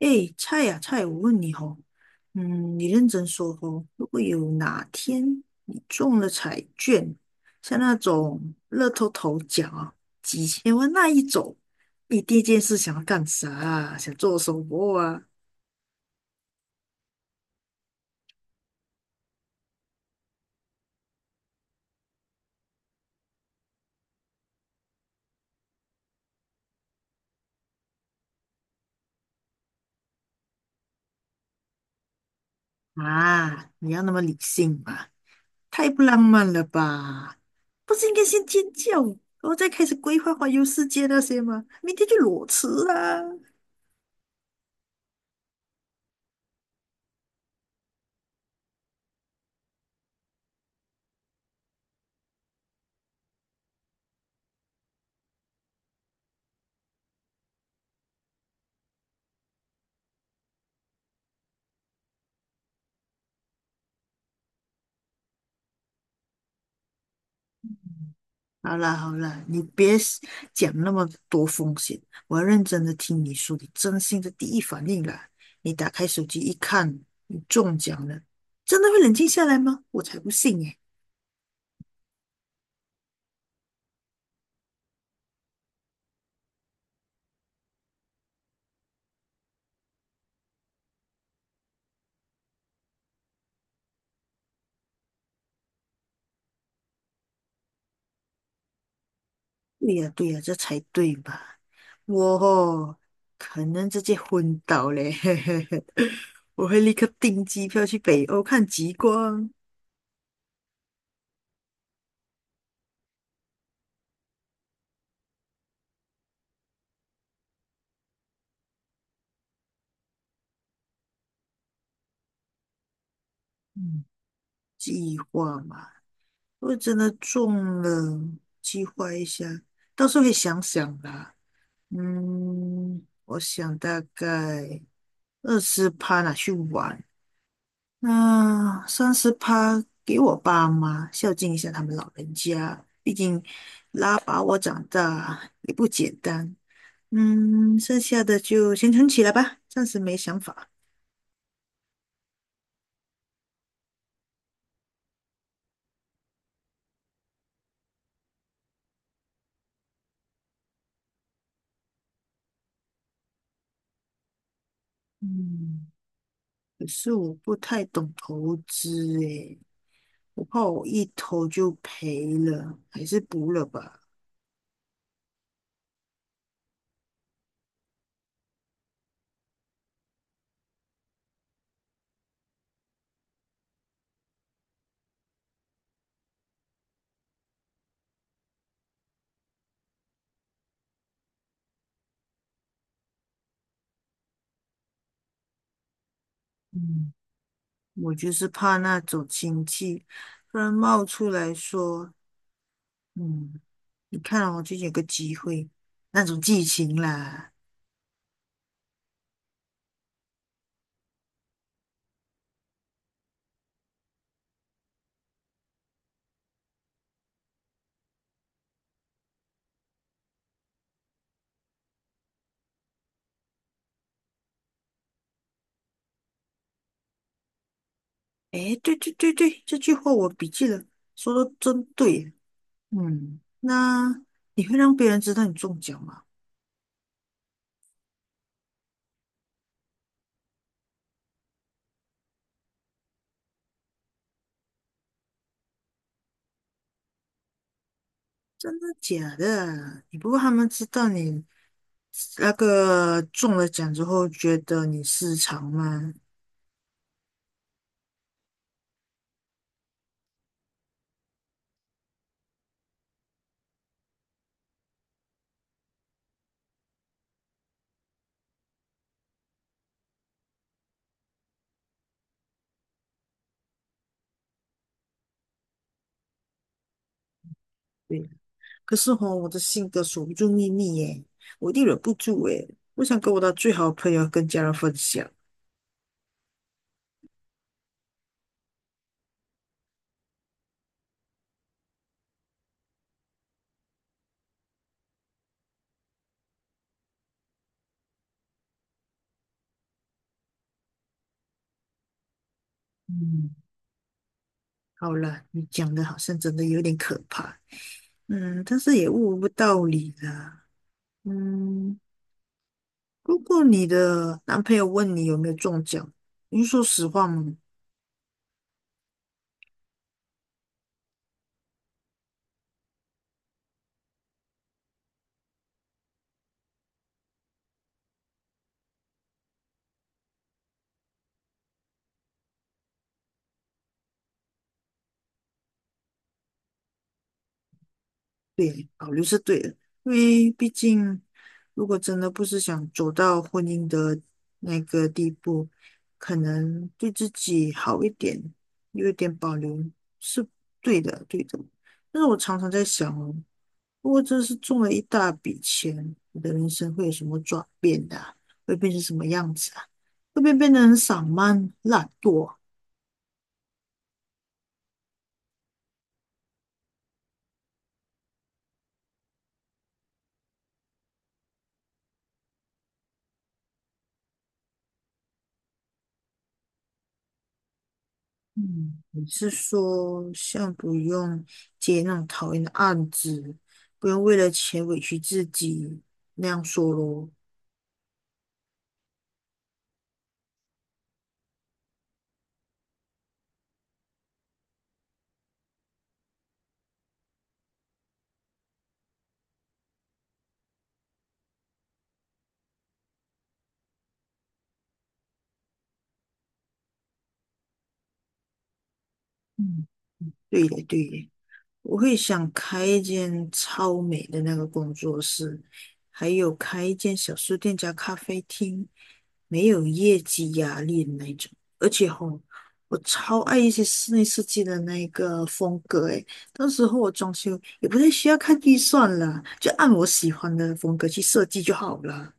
哎，菜呀、菜，我问你哦，嗯，你认真说哦，如果有哪天你中了彩券，像那种乐透头奖啊，几千万那一种，你第一件事想要干啥啊想做什么啊？啊，你要那么理性嘛？太不浪漫了吧？不是应该先尖叫，然后再开始规划环游世界那些吗？明天就裸辞啦！好啦好啦，你别讲那么多风险，我要认真的听你说你真心的第一反应啦。你打开手机一看，你中奖了，真的会冷静下来吗？我才不信耶！对呀对呀，这才对吧？我哦可能直接昏倒嘞，我会立刻订机票去北欧看极光。嗯，计划嘛，如果真的中了，计划一下，到时候会想想啦。嗯，我想大概20%拿去玩，那30%给我爸妈孝敬一下他们老人家，毕竟拉把我长大也不简单。嗯，剩下的就先存起来吧，暂时没想法。嗯，可是我不太懂投资诶，我怕我一投就赔了，还是不了吧。嗯，我就是怕那种亲戚突然冒出来说，嗯，你看哦，最近有个机会，那种剧情啦。诶，对对对对，这句话我笔记了，说的真对。嗯，那你会让别人知道你中奖吗？真的假的？你不过他们知道你那个中了奖之后，觉得你失常吗？对。可是吼，我的性格守不住秘密耶，我一定忍不住耶。我想跟我的最好的朋友跟家人分享。嗯，好了，你讲的好像真的有点可怕。嗯，但是也悟不到理啦。嗯，如果你的男朋友问你有没有中奖，你会说实话吗？对，保留是对的，因为毕竟如果真的不是想走到婚姻的那个地步，可能对自己好一点，有一点保留是对的，对的。但是我常常在想哦，如果真是中了一大笔钱，我的人生会有什么转变的啊，会变成什么样子啊？会不会变得很散漫、懒惰啊。嗯，你是说像不用接那种讨厌的案子，不用为了钱委屈自己那样说咯？嗯，对的，对的。我会想开一间超美的那个工作室，还有开一间小书店加咖啡厅，没有业绩压力的那种。而且吼，我超爱一些室内设计的那个风格诶，到时候我装修也不太需要看预算了，就按我喜欢的风格去设计就好了。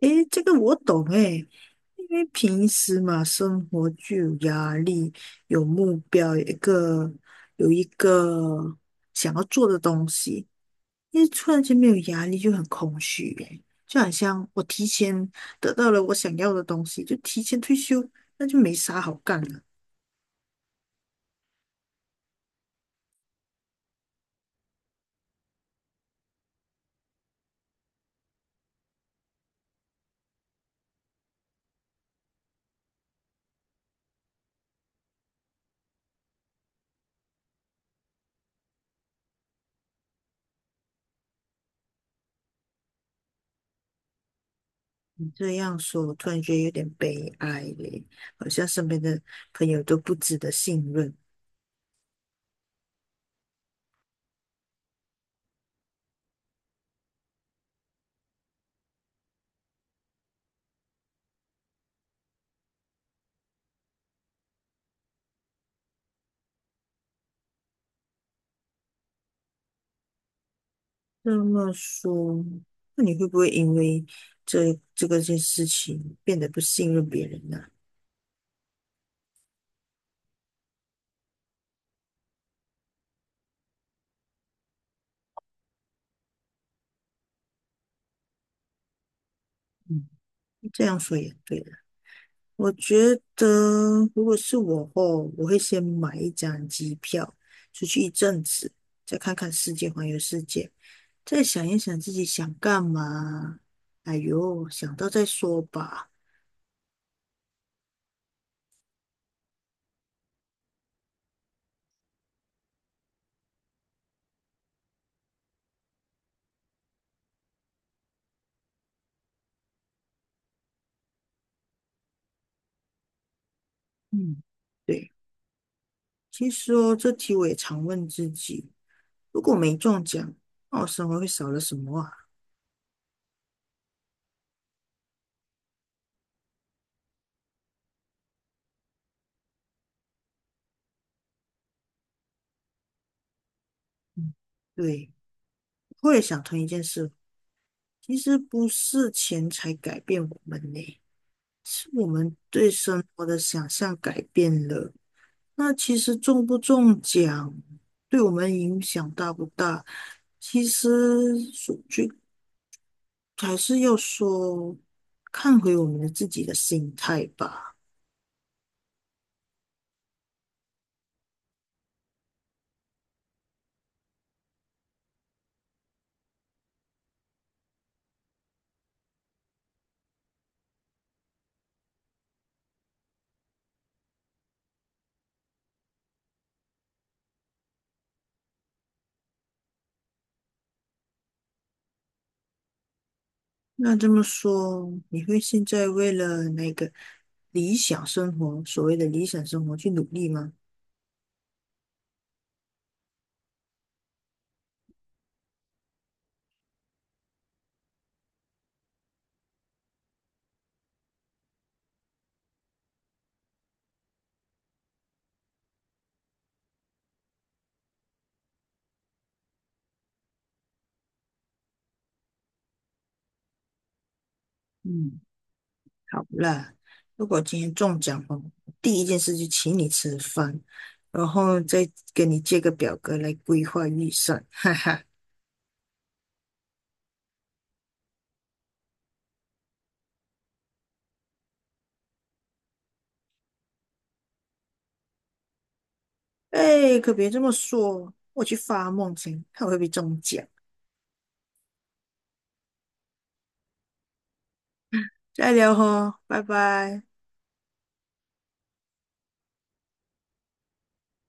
诶，这个我懂诶，因为平时嘛，生活就有压力，有目标，有一个想要做的东西，因为突然间没有压力就很空虚诶，就好像我提前得到了我想要的东西，就提前退休，那就没啥好干了。你这样说，我突然觉得有点悲哀嘞，好像身边的朋友都不值得信任。这么说，那你会不会因为这个件事情变得不信任别人呢？嗯，这样说也对了。我觉得如果是我哦，我会先买一张机票出去一阵子，再看看世界，环游世界，再想一想自己想干嘛。哎呦，想到再说吧。嗯，对，其实哦，这题我也常问自己，如果没中奖，那我生活会少了什么啊？嗯，对，我也想通一件事，其实不是钱财改变我们呢，是我们对生活的想象改变了。那其实中不中奖，对我们影响大不大，其实说句还是要说，看回我们的自己的心态吧。那这么说，你会现在为了那个理想生活，所谓的理想生活去努力吗？嗯。好啦，如果今天中奖哦，第一件事就请你吃饭，然后再跟你借个表格来规划预算，哈哈。哎，可别这么说，我去发梦先，看我会不会中奖。再聊哦，拜拜。